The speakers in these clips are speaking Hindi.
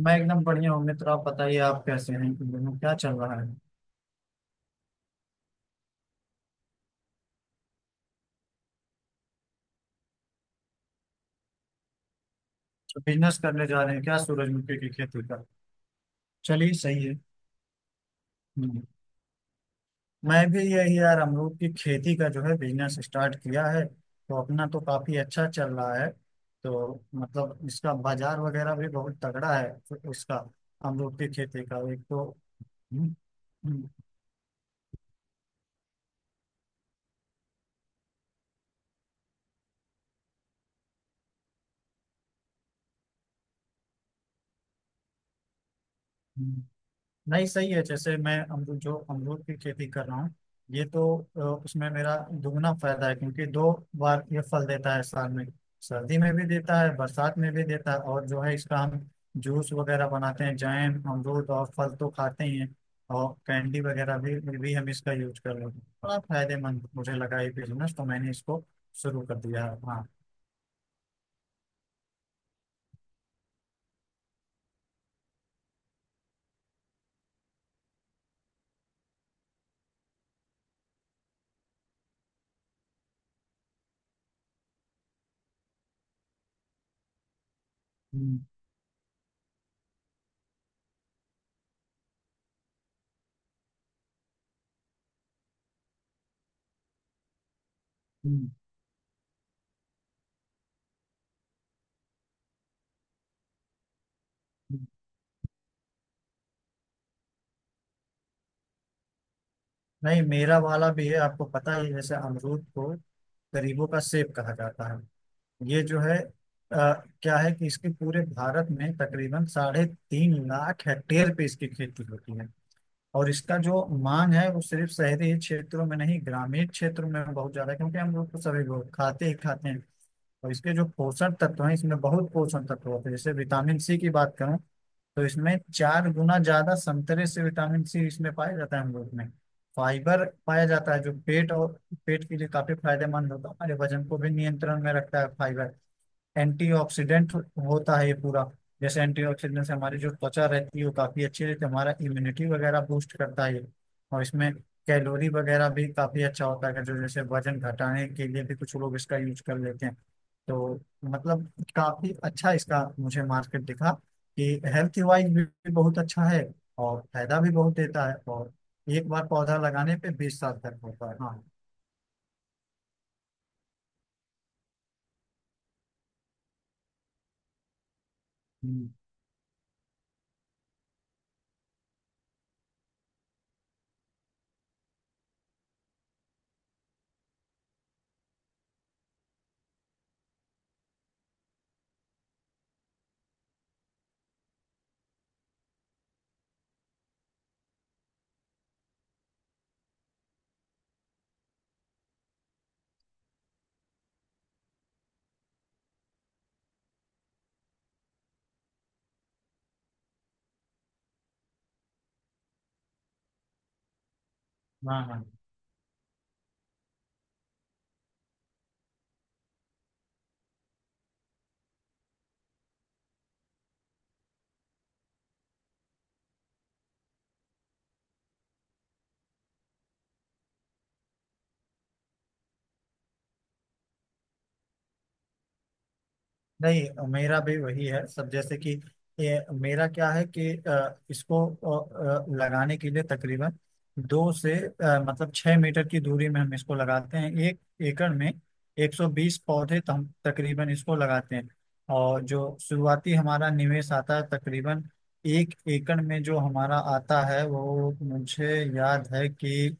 मैं एकदम बढ़िया हूँ मित्र। आप बताइए, आप कैसे हैं इन दिनों? क्या चल रहा है? बिजनेस करने जा रहे हैं क्या सूरजमुखी की खेती का? चलिए, सही है। हम्म। मैं भी यही यार, अमरूद की खेती का जो है बिजनेस स्टार्ट किया है तो अपना तो काफी अच्छा चल रहा है, तो मतलब इसका बाजार वगैरह भी बहुत तगड़ा है तो उसका। अमरूद की खेती का एक तो। हम्म, हम्म, हम्म। नहीं, सही है। जैसे मैं अमरूद जो अमरूद की खेती कर रहा हूँ, ये तो उसमें मेरा दुगना फायदा है, क्योंकि दो बार ये फल देता है साल में। सर्दी में भी देता है, बरसात में भी देता है, और जो है इसका हम जूस वगैरह बनाते हैं, जैम, अमरूद और फल तो खाते ही हैं, और कैंडी वगैरह भी हम इसका यूज कर रहे हैं। बड़ा फायदेमंद मुझे लगा ये बिजनेस, तो मैंने इसको शुरू कर दिया है, हाँ। हम्म, हम्म, हम्म। नहीं, मेरा वाला भी है, आपको पता ही है, जैसे अमरूद को गरीबों का सेब कहा जाता है। ये जो है आ, क्या है कि इसके पूरे भारत में तकरीबन 3.5 लाख हेक्टेयर पे इसकी खेती होती है। और इसका जो मांग है वो सिर्फ शहरी क्षेत्रों में नहीं, ग्रामीण क्षेत्रों में बहुत ज्यादा है, क्योंकि हम लोग तो सभी लोग खाते ही खाते हैं। और इसके जो पोषण तत्व हैं इसमें बहुत पोषण तत्व होते हैं। जैसे विटामिन सी की बात करूं, तो इसमें चार गुना ज्यादा संतरे से विटामिन सी इसमें पाया जाता है। हम लोग में फाइबर पाया जाता है, जो पेट और पेट के लिए काफी फायदेमंद होता है, हमारे वजन को भी नियंत्रण में रखता है फाइबर। एंटीऑक्सीडेंट होता है ये पूरा, जैसे एंटीऑक्सीडेंट से हमारी जो त्वचा रहती है वो काफी अच्छी रहती है, हमारा इम्यूनिटी वगैरह बूस्ट करता है ये। और इसमें कैलोरी वगैरह भी काफी अच्छा होता है, जो जैसे वजन घटाने के लिए भी कुछ लोग इसका यूज कर लेते हैं। तो मतलब काफी अच्छा इसका मुझे मार्केट दिखा, कि हेल्थ वाइज भी बहुत अच्छा है, और फायदा भी बहुत देता है, और एक बार पौधा लगाने पे 20 साल तक होता है, हाँ। हम्म, हाँ, हाँ। नहीं, मेरा भी वही है सब, जैसे कि ये मेरा क्या है कि इसको लगाने के लिए तकरीबन दो से 6 मीटर की दूरी में हम इसको लगाते हैं। एक एकड़ में 120 पौधे तो हम तकरीबन इसको लगाते हैं। और जो शुरुआती हमारा निवेश आता है तकरीबन एक एकड़ में, जो हमारा आता है वो मुझे याद है कि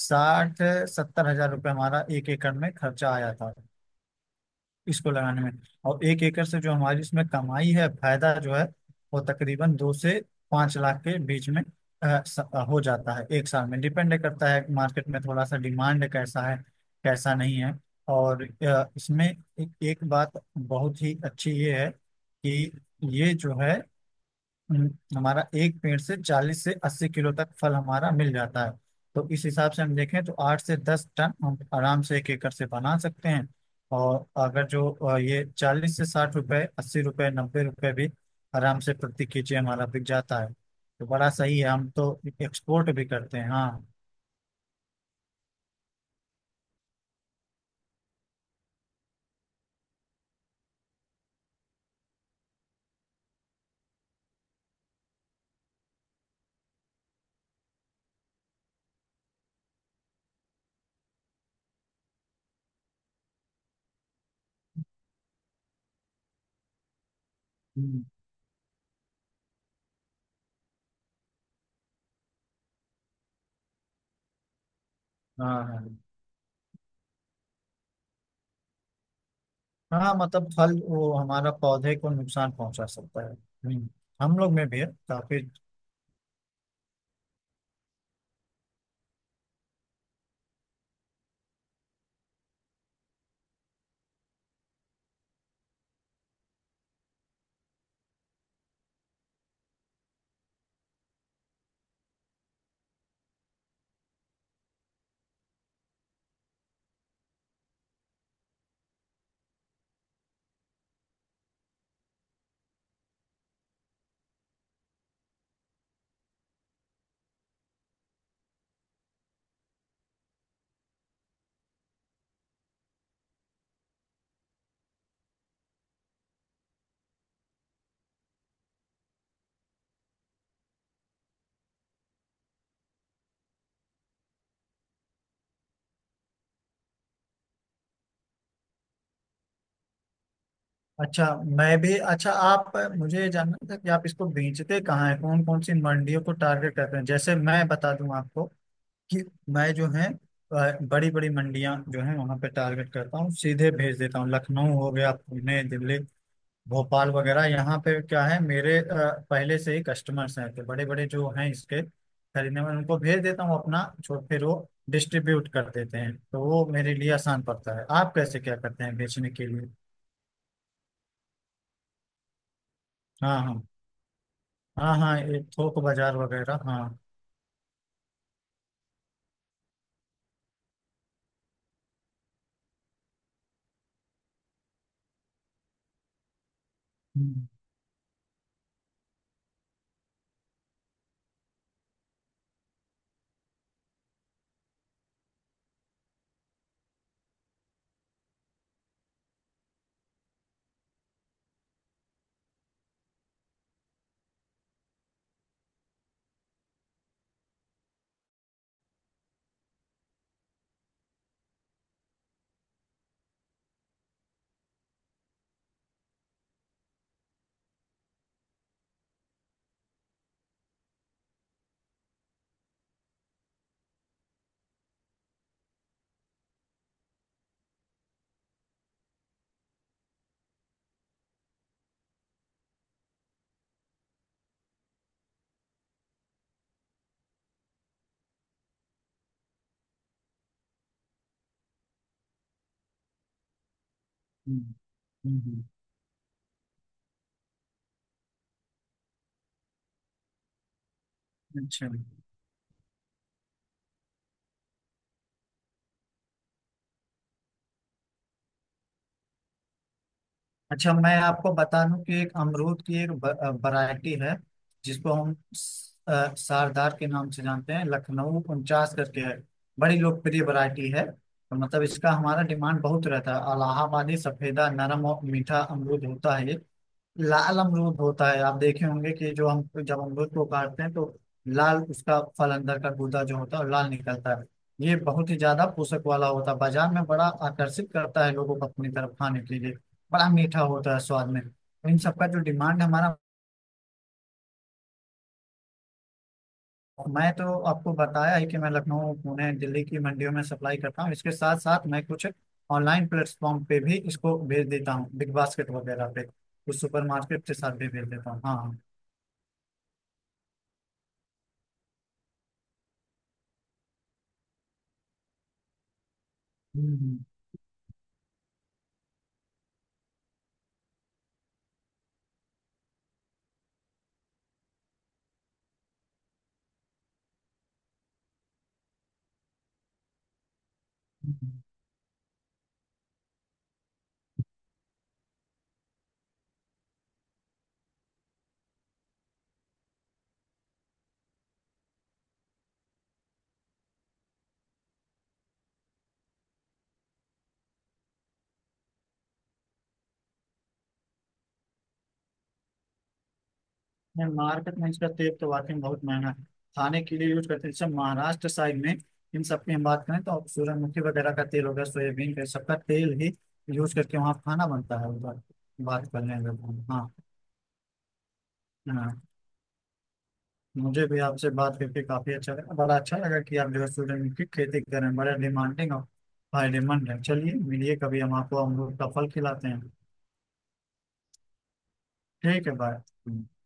60-70 हजार रुपये हमारा एक एकड़ में खर्चा आया था इसको लगाने में। और एक एकड़ से जो हमारी इसमें कमाई है, फायदा जो है वो तकरीबन 2 से 5 लाख के बीच में हो जाता है एक साल में। डिपेंड करता है मार्केट में थोड़ा सा, डिमांड कैसा है, कैसा नहीं है। और इसमें एक बात बहुत ही अच्छी ये है कि ये जो है, हमारा एक पेड़ से 40-80 किलो तक फल हमारा मिल जाता है। तो इस हिसाब से हम देखें तो 8-10 टन हम आराम से एक एकड़ से बना सकते हैं। और अगर जो ये 40-60 रुपए, 80 रुपए, 90 रुपए भी आराम से प्रति केजी हमारा बिक जाता है। तो बड़ा सही है, हम तो एक्सपोर्ट भी करते हैं, हाँ। हम्म, हाँ, हाँ, हाँ, मतलब फल वो हमारा पौधे को नुकसान पहुंचा सकता है। हम लोग में भी है काफी। अच्छा, मैं भी। अच्छा, आप, मुझे ये जानना था कि आप इसको बेचते कहाँ हैं, कौन कौन सी मंडियों को टारगेट करते हैं? जैसे मैं बता दूं आपको कि मैं जो है बड़ी बड़ी मंडियां जो है वहां पे टारगेट करता हूँ, सीधे भेज देता हूँ। लखनऊ हो गया, पुणे, दिल्ली, भोपाल वगैरह, यहाँ पे क्या है मेरे पहले से ही कस्टमर्स हैं। तो बड़े बड़े जो हैं इसके खरीदने वाले, उनको भेज देता हूँ अपना, छोड़, फिर वो डिस्ट्रीब्यूट कर देते हैं। तो वो मेरे लिए आसान पड़ता है। आप कैसे क्या करते हैं बेचने के लिए? हाँ, हाँ, हाँ, हाँ, ये थोक बाजार वगैरह, हाँ। हम्म, हम्म, हम्म, हम्म, अच्छा, अच्छा। मैं आपको बता दूं कि एक अमरूद की एक वैरायटी है जिसको हम सरदार के नाम से जानते हैं, लखनऊ 49 करके है। बड़ी लोकप्रिय वैरायटी है, और मतलब इसका हमारा डिमांड बहुत रहता है। इलाहाबादी सफेदा नरम और मीठा अमरूद होता है ये। लाल अमरूद होता है, आप देखे होंगे कि जो हम जब अमरूद को काटते हैं तो लाल उसका फल, अंदर का गूदा जो होता है वो लाल निकलता है। ये बहुत ही ज्यादा पोषक वाला होता है, बाजार में बड़ा आकर्षित करता है लोगों को अपनी तरफ खाने के लिए, बड़ा मीठा होता है स्वाद में। इन सबका जो डिमांड है हमारा। मैं तो आपको बताया ही कि मैं लखनऊ, पुणे, दिल्ली की मंडियों में सप्लाई करता हूँ, इसके साथ साथ मैं कुछ ऑनलाइन प्लेटफॉर्म पे भी इसको भेज देता हूँ, बिग बास्केट वगैरह पे, कुछ सुपर मार्केट के साथ भी भेज देता हूँ, हाँ हाँ। हम्म, हम्म, हम्म। है, मार्केट में इसका तेल तो वाकई में बहुत महंगा है, खाने के लिए यूज करते हैं जैसे महाराष्ट्र साइड में। इन सब की हम बात करें तो सूरजमुखी वगैरह का तेल हो गया, सोयाबीन का, सबका तेल ही यूज करके वहाँ खाना बनता है, उधर। बात कर लेंगे हम, हाँ, हाँ। मुझे भी आपसे बात करके काफी अच्छा लगा, बड़ा अच्छा लगा कि आप जो है सूरजमुखी खेती कर रहे हैं, बड़ा डिमांडिंग और फायदेमंद है। चलिए, मिलिए कभी, हम आपको अमरूद का फल खिलाते हैं। ठीक है, बाय।